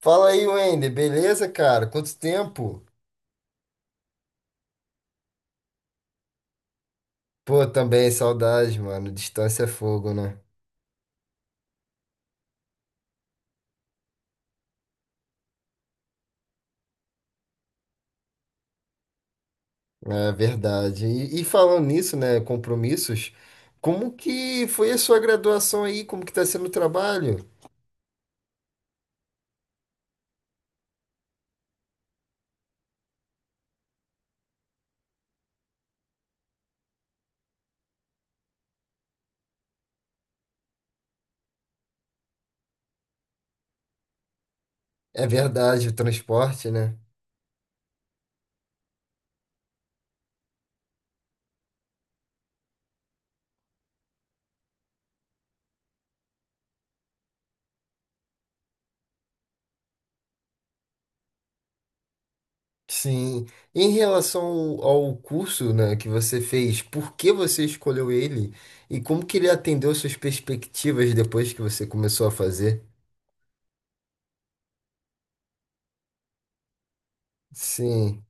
Fala aí, Wender, beleza, cara? Quanto tempo? Pô, também saudade, mano. Distância é fogo, né? É verdade. E falando nisso, né? Compromissos. Como que foi a sua graduação aí? Como que tá sendo o trabalho? É verdade, o transporte, né? Sim. Em relação ao ao curso, né, que você fez, por que você escolheu ele? E como que ele atendeu suas perspectivas depois que você começou a fazer? Sim.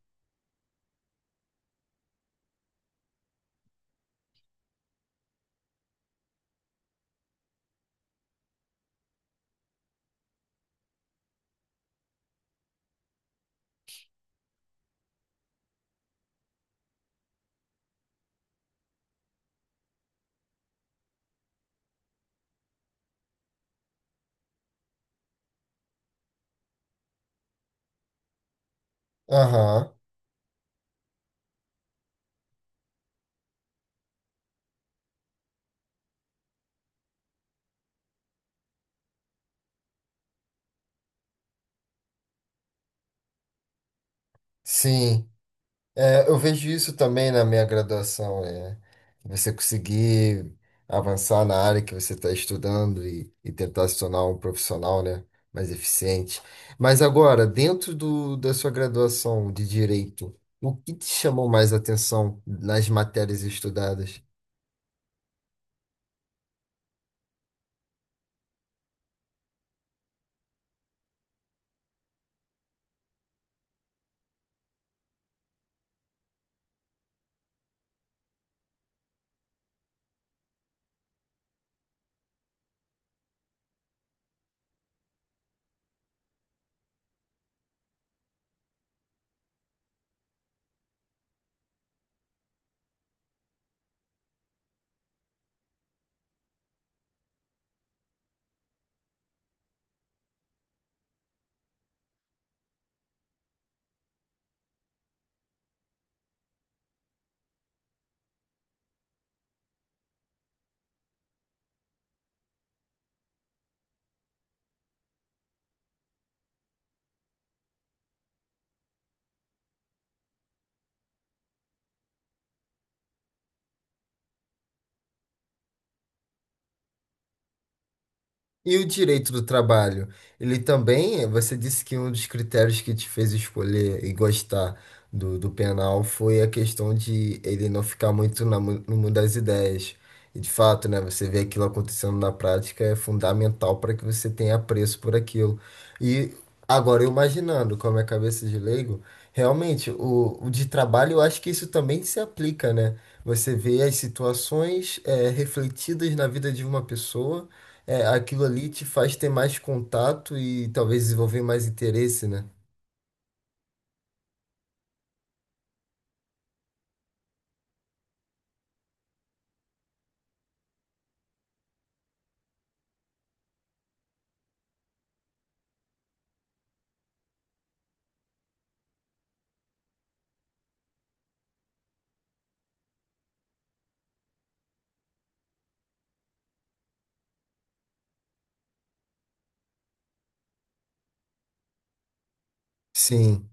Aham. Sim. É, eu vejo isso também na minha graduação, é você conseguir avançar na área que você está estudando e tentar se tornar um profissional, né, mais eficiente. Mas agora, dentro da sua graduação de direito, o que te chamou mais atenção nas matérias estudadas? E o direito do trabalho? Ele também, você disse que um dos critérios que te fez escolher e gostar do penal foi a questão de ele não ficar muito na no mundo das ideias. E de fato, né, você vê aquilo acontecendo na prática é fundamental para que você tenha apreço por aquilo. E agora, eu imaginando com a minha cabeça de leigo, realmente, o de trabalho, eu acho que isso também se aplica, né? Você vê as situações, refletidas na vida de uma pessoa. É, aquilo ali te faz ter mais contato e talvez desenvolver mais interesse, né? Sim,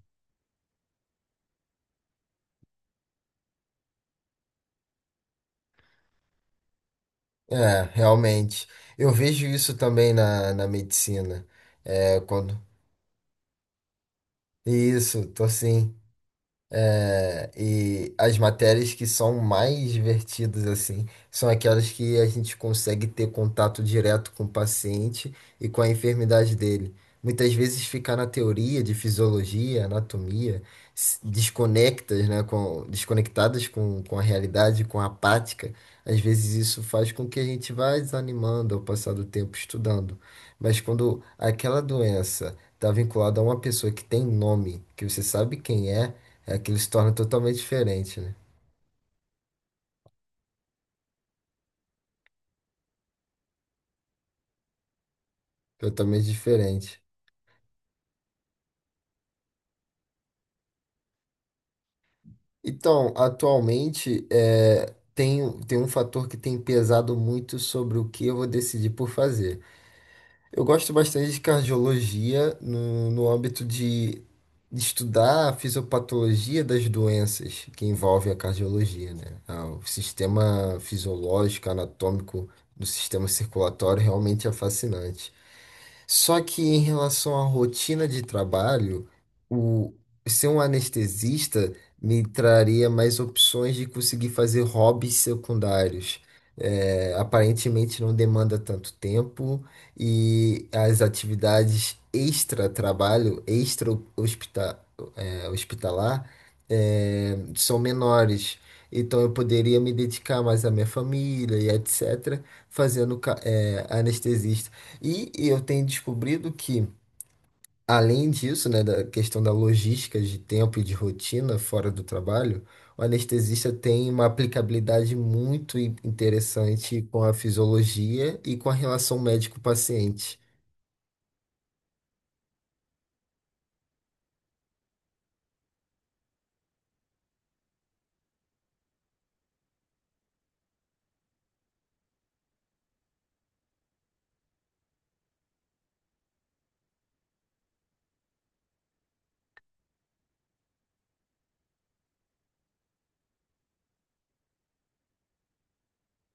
é, realmente. Eu vejo isso também na medicina. É, quando. Isso, tô assim. É, e as matérias que são mais divertidas, assim, são aquelas que a gente consegue ter contato direto com o paciente e com a enfermidade dele. Muitas vezes ficar na teoria de fisiologia, anatomia, desconectas, né, com, desconectadas com a realidade, com a prática, às vezes isso faz com que a gente vá desanimando ao passar do tempo estudando. Mas quando aquela doença está vinculada a uma pessoa que tem nome, que você sabe quem é é, aquilo se torna totalmente diferente, né? Totalmente diferente. Então, atualmente, tem um fator que tem pesado muito sobre o que eu vou decidir por fazer. Eu gosto bastante de cardiologia no âmbito de estudar a fisiopatologia das doenças que envolvem a cardiologia, né? Ah, o sistema fisiológico, anatômico do sistema circulatório realmente é fascinante. Só que em relação à rotina de trabalho, o ser um anestesista me traria mais opções de conseguir fazer hobbies secundários. É, aparentemente não demanda tanto tempo e as atividades extra-trabalho, extra-hospital, hospitalar, são menores. Então eu poderia me dedicar mais à minha família e etc., fazendo anestesista. E eu tenho descobrido que, além disso, né, da questão da logística de tempo e de rotina fora do trabalho, o anestesista tem uma aplicabilidade muito interessante com a fisiologia e com a relação médico-paciente.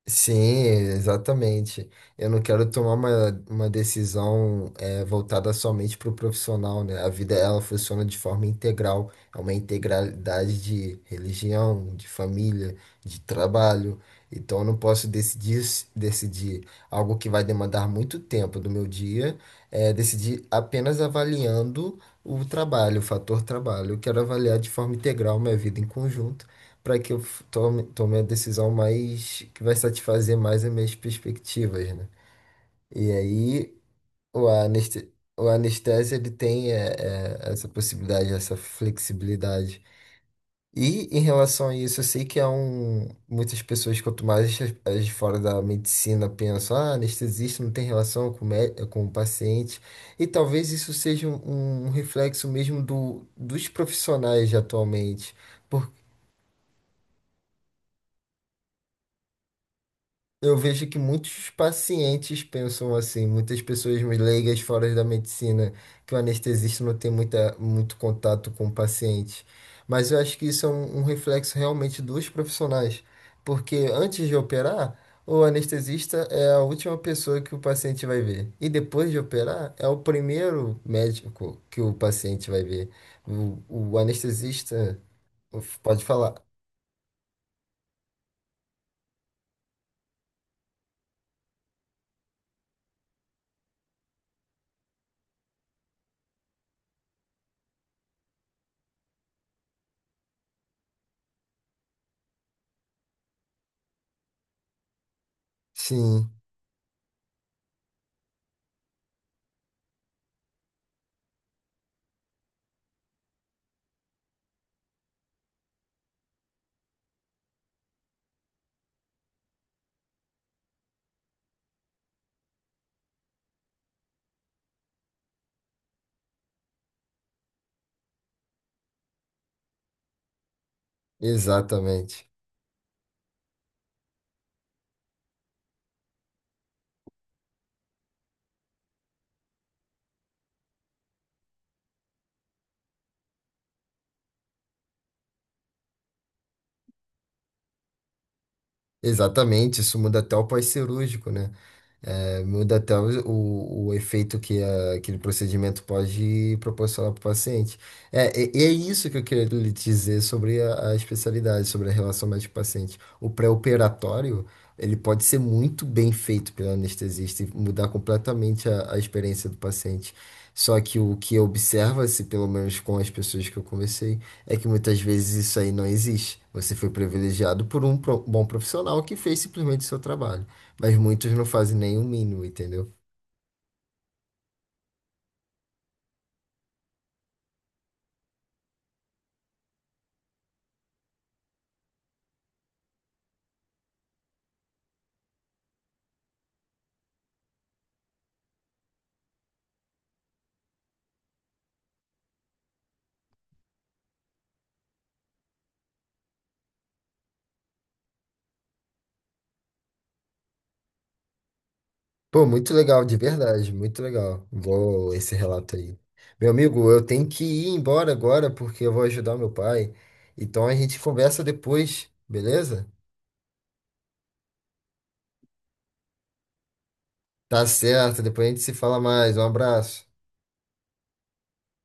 Sim, exatamente. Eu não quero tomar uma decisão voltada somente para o profissional, né? A vida ela funciona de forma integral, é uma integralidade de religião, de família, de trabalho. Então eu não posso decidir algo que vai demandar muito tempo do meu dia, decidir apenas avaliando o trabalho, o fator trabalho. Eu quero avaliar de forma integral minha vida em conjunto para que eu tome a decisão mais que vai satisfazer mais as minhas perspectivas, né? E aí o aneste, o anestesia ele tem essa possibilidade, essa flexibilidade. E em relação a isso, eu sei que há um, muitas pessoas, quanto mais as de fora da medicina pensam, ah, anestesista não tem relação com, o com o paciente. E talvez isso seja um reflexo mesmo dos profissionais de atualmente. Eu vejo que muitos pacientes pensam assim, muitas pessoas leigas fora da medicina, que o anestesista não tem muito contato com o paciente. Mas eu acho que isso é um reflexo realmente dos profissionais, porque antes de operar, o anestesista é a última pessoa que o paciente vai ver. E depois de operar, é o primeiro médico que o paciente vai ver. O, o anestesista pode falar. Sim, exatamente. Exatamente, isso muda até o pós-cirúrgico, né? É, muda até o efeito que aquele procedimento pode proporcionar para o paciente. É, e é isso que eu queria lhe dizer sobre a especialidade, sobre a relação médico-paciente. O pré-operatório, ele pode ser muito bem feito pelo anestesista e mudar completamente a experiência do paciente. Só que o que observa-se, pelo menos com as pessoas que eu conversei, é que muitas vezes isso aí não existe. Você foi privilegiado por um bom profissional que fez simplesmente o seu trabalho. Mas muitos não fazem nem o mínimo, entendeu? Pô, muito legal, de verdade, muito legal. Vou esse relato aí. Meu amigo, eu tenho que ir embora agora porque eu vou ajudar meu pai. Então a gente conversa depois, beleza? Tá certo, depois a gente se fala mais. Um abraço.